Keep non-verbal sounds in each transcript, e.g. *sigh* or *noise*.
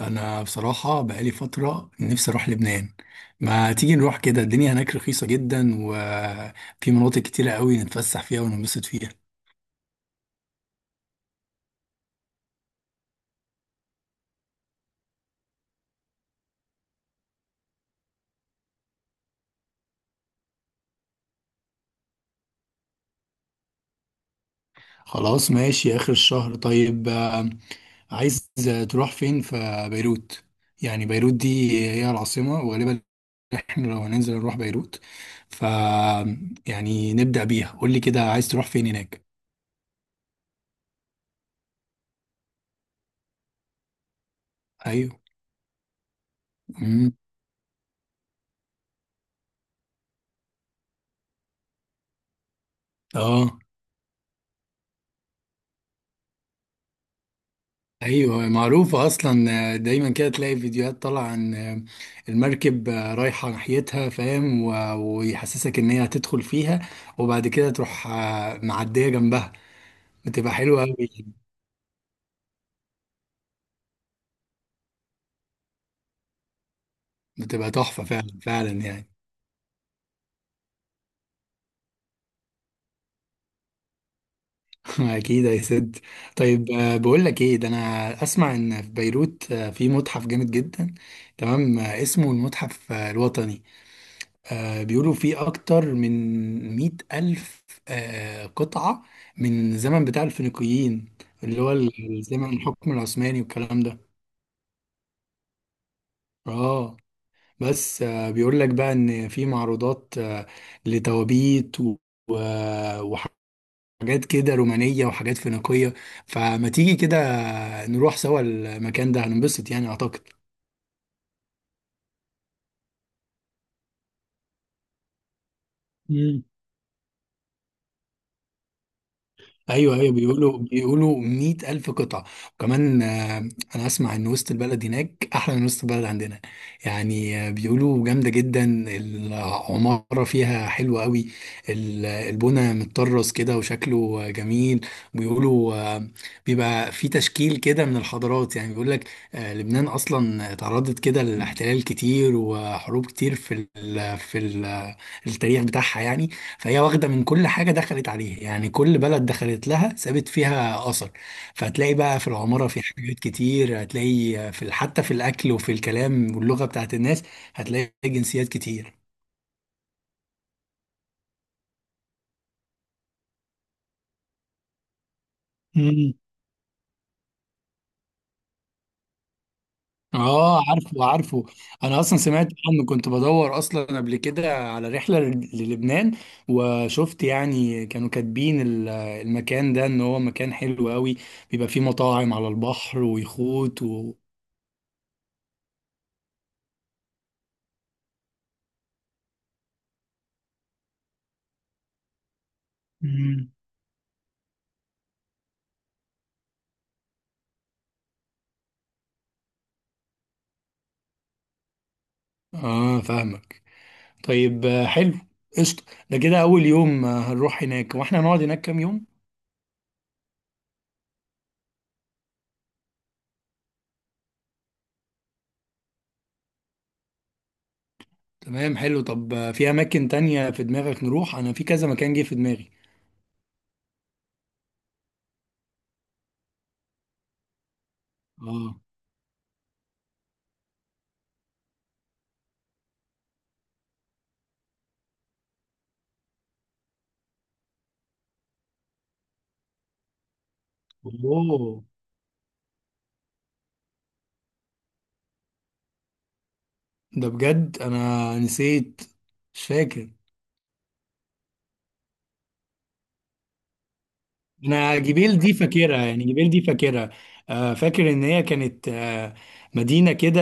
انا بصراحه بقالي فتره نفسي اروح لبنان. ما تيجي نروح كده؟ الدنيا هناك رخيصه جدا وفي مناطق كتيره قوي نتفسح فيها وننبسط فيها. خلاص ماشي اخر الشهر. طيب عايز تروح فين؟ في بيروت يعني. بيروت دي هي العاصمه، وغالبا احنا لو هننزل نروح بيروت ف يعني نبدا بيها. قول لي كده عايز تروح فين هناك؟ ايوه. امم اه. ايوه، معروفة اصلا. دايما كده تلاقي فيديوهات طالعة عن المركب رايحة ناحيتها، فاهم؟ ويحسسك ان هي هتدخل فيها، وبعد كده تروح معدية جنبها. بتبقى حلوة قوي. بتبقى تحفة فعلا فعلا يعني. *laughs* اكيد يا سد. طيب بقول لك ايه؟ ده انا اسمع ان في بيروت في متحف جامد جدا. تمام اسمه المتحف الوطني. بيقولوا في أكتر من مئة ألف قطعة من الزمن بتاع الفينيقيين، اللي هو الزمن الحكم العثماني والكلام ده. اه. بس بيقول لك بقى إن في معروضات لتوابيت وحاجات كده رومانية وحاجات فينيقية. فما تيجي كده نروح سوا المكان ده، هننبسط يعني أعتقد. ايوه ايوه، بيقولوا 100,000 ألف قطعة. وكمان انا اسمع ان وسط البلد هناك احلى من وسط البلد عندنا. يعني بيقولوا جامدة جدا، العمارة فيها حلوة قوي. البنا متطرز كده وشكله جميل. بيقولوا بيبقى في تشكيل كده من الحضارات، يعني بيقول لك لبنان اصلا تعرضت كده لاحتلال كتير وحروب كتير في ال التاريخ بتاعها يعني. فهي واخدة من كل حاجة دخلت عليها، يعني كل بلد دخلت لها سابت فيها أثر. فهتلاقي بقى في العمارة في حاجات كتير، هتلاقي في حتى في الأكل وفي الكلام واللغة بتاعت الناس، هتلاقي جنسيات كتير. مم. اه، عارفه عارفه. انا اصلا سمعت عنه، كنت بدور اصلا قبل كده على رحله للبنان. وشفت يعني كانوا كاتبين المكان ده ان هو مكان حلو قوي، بيبقى فيه مطاعم على البحر ويخوت مم. اه فاهمك. طيب حلو. قشطة. ده كده أول يوم هنروح هناك. وإحنا هنقعد هناك كام يوم؟ تمام، حلو. طب في أماكن تانية في دماغك نروح؟ أنا في كذا مكان جه في دماغي. آه. أوه. ده بجد أنا نسيت، مش فاكر. انا جبيل دي فاكرها، يعني جبيل دي فاكرها. فاكر ان هي كانت مدينة كده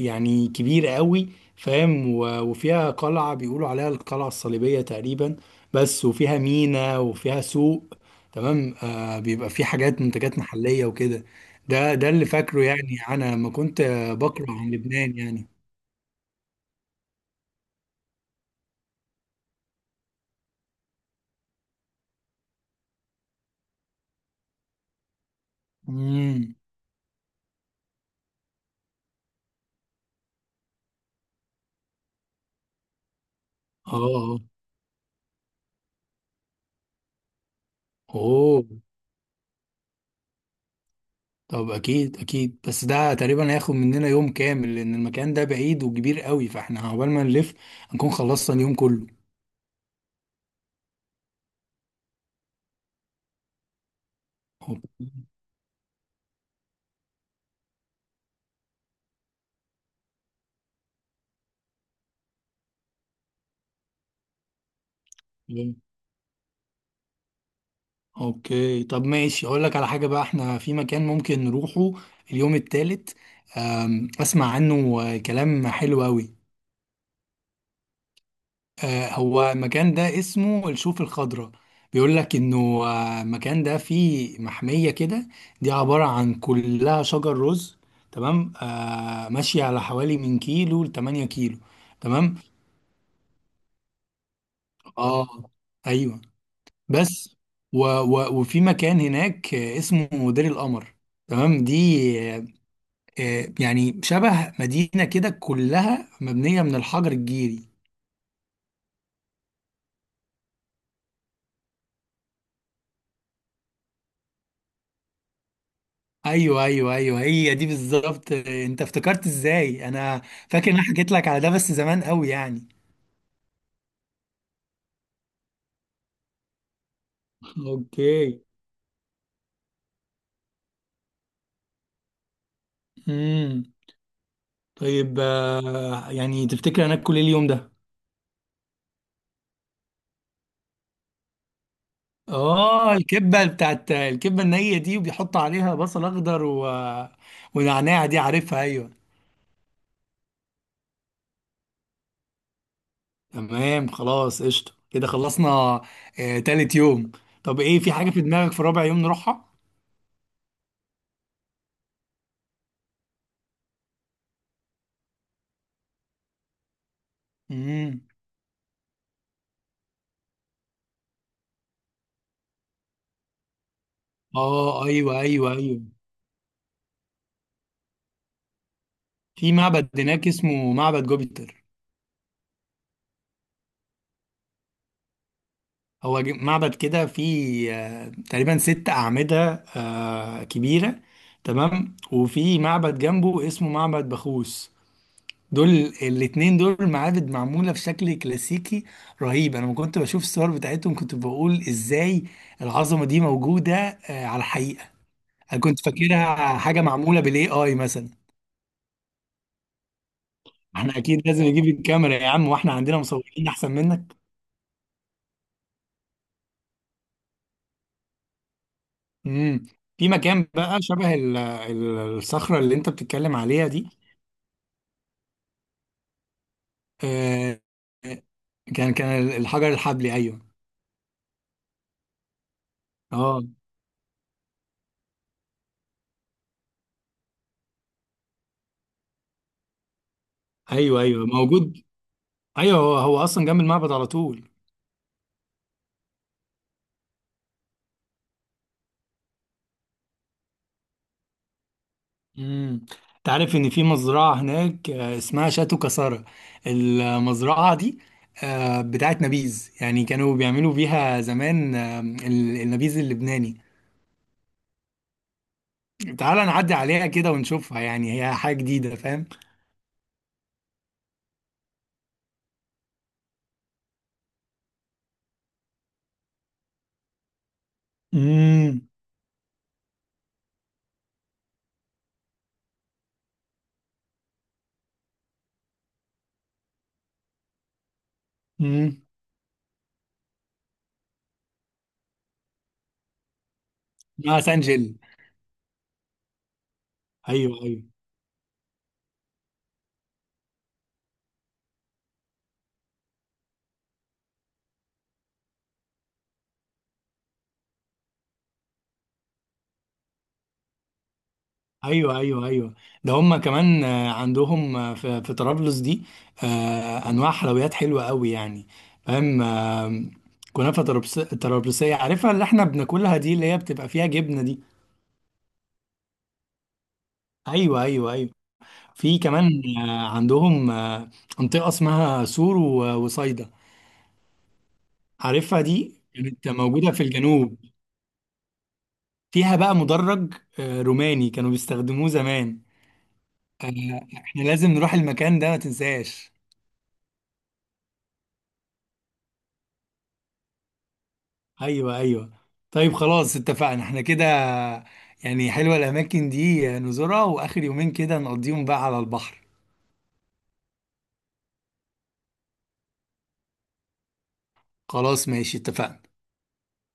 يعني، كبيرة قوي، فاهم؟ وفيها قلعة بيقولوا عليها القلعة الصليبية تقريبا بس. وفيها ميناء وفيها سوق. تمام بيبقى فيه حاجات منتجات محلية وكده. ده اللي فاكره يعني. انا لما كنت بقرأ عن لبنان يعني. امم. اه. اوه. طب اكيد اكيد، بس ده تقريبا هياخد مننا يوم كامل لان المكان ده بعيد وكبير قوي، فاحنا عقبال ما نلف هنكون خلصنا اليوم كله. أوك- مم. اوكي، طب ماشي. اقول لك على حاجة بقى، احنا في مكان ممكن نروحه اليوم التالت. اسمع عنه كلام حلو قوي. هو المكان ده اسمه الشوف الخضراء. بيقول لك انه المكان ده فيه محمية كده. دي عبارة عن كلها شجر رز. تمام ماشية على حوالي من كيلو لتمانية كيلو. تمام. اه. ايوه. بس و و وفي مكان هناك اسمه دير القمر. تمام دي آه، يعني شبه مدينة كده كلها مبنية من الحجر الجيري. ايوه ايوه ايوه، هي دي بالظبط. انت افتكرت ازاي؟ انا فاكر ان انا حكيت لك على ده بس زمان قوي يعني. اوكي. امم. طيب يعني تفتكر انا اكل ايه اليوم ده؟ اه، الكبه بتاعت الكبه النيه دي وبيحط عليها بصل اخضر ونعناع، دي عارفها، ايوه. تمام خلاص قشطه، كده خلصنا تالت يوم. طب ايه في حاجه في دماغك في رابع يوم نروحها؟ امم. اه ايوه ايوه ايوه. في معبد هناك اسمه معبد جوبيتر. هو معبد كده فيه تقريبا ست أعمدة كبيرة. تمام. وفي معبد جنبه اسمه معبد بخوس. دول الاتنين دول معابد معمولة في شكل كلاسيكي رهيب. أنا ما كنت بشوف الصور بتاعتهم كنت بقول إزاي العظمة دي موجودة على الحقيقة. أنا كنت فاكرها حاجة معمولة بالاي اي مثلا. احنا أكيد لازم نجيب الكاميرا يا عم، واحنا عندنا مصورين أحسن منك. مم. في مكان بقى شبه الصخرة اللي أنت بتتكلم عليها دي. آه، كان الحجر الحبلي، ايوه. اه ايوه ايوه موجود. ايوه، هو هو اصلا جنب المعبد على طول. امم. انت عارف ان في مزرعه هناك اسمها شاتو كسارة. المزرعه دي بتاعت نبيذ، يعني كانوا بيعملوا بيها زمان النبيذ اللبناني. تعال نعدي عليها كده ونشوفها، يعني هي حاجه جديده، فاهم؟ امم. امم اسمها سانجل. ايوه ايوه ايوه ايوه ايوه. ده هم كمان عندهم في طرابلس دي انواع حلويات حلوه قوي يعني. فاهم كنافه طرابلسيه، عارفها اللي احنا بناكلها دي اللي هي بتبقى فيها جبنه دي. ايوه ايوه ايوه. في كمان عندهم منطقه اسمها سور وصيدا. عارفها، دي كانت موجوده في الجنوب. فيها بقى مدرج روماني كانوا بيستخدموه زمان. احنا لازم نروح المكان ده، ما تنساش. ايوه ايوه. طيب خلاص اتفقنا احنا كده. يعني حلوة الاماكن دي نزورها، واخر يومين كده نقضيهم بقى على البحر. خلاص ماشي اتفقنا.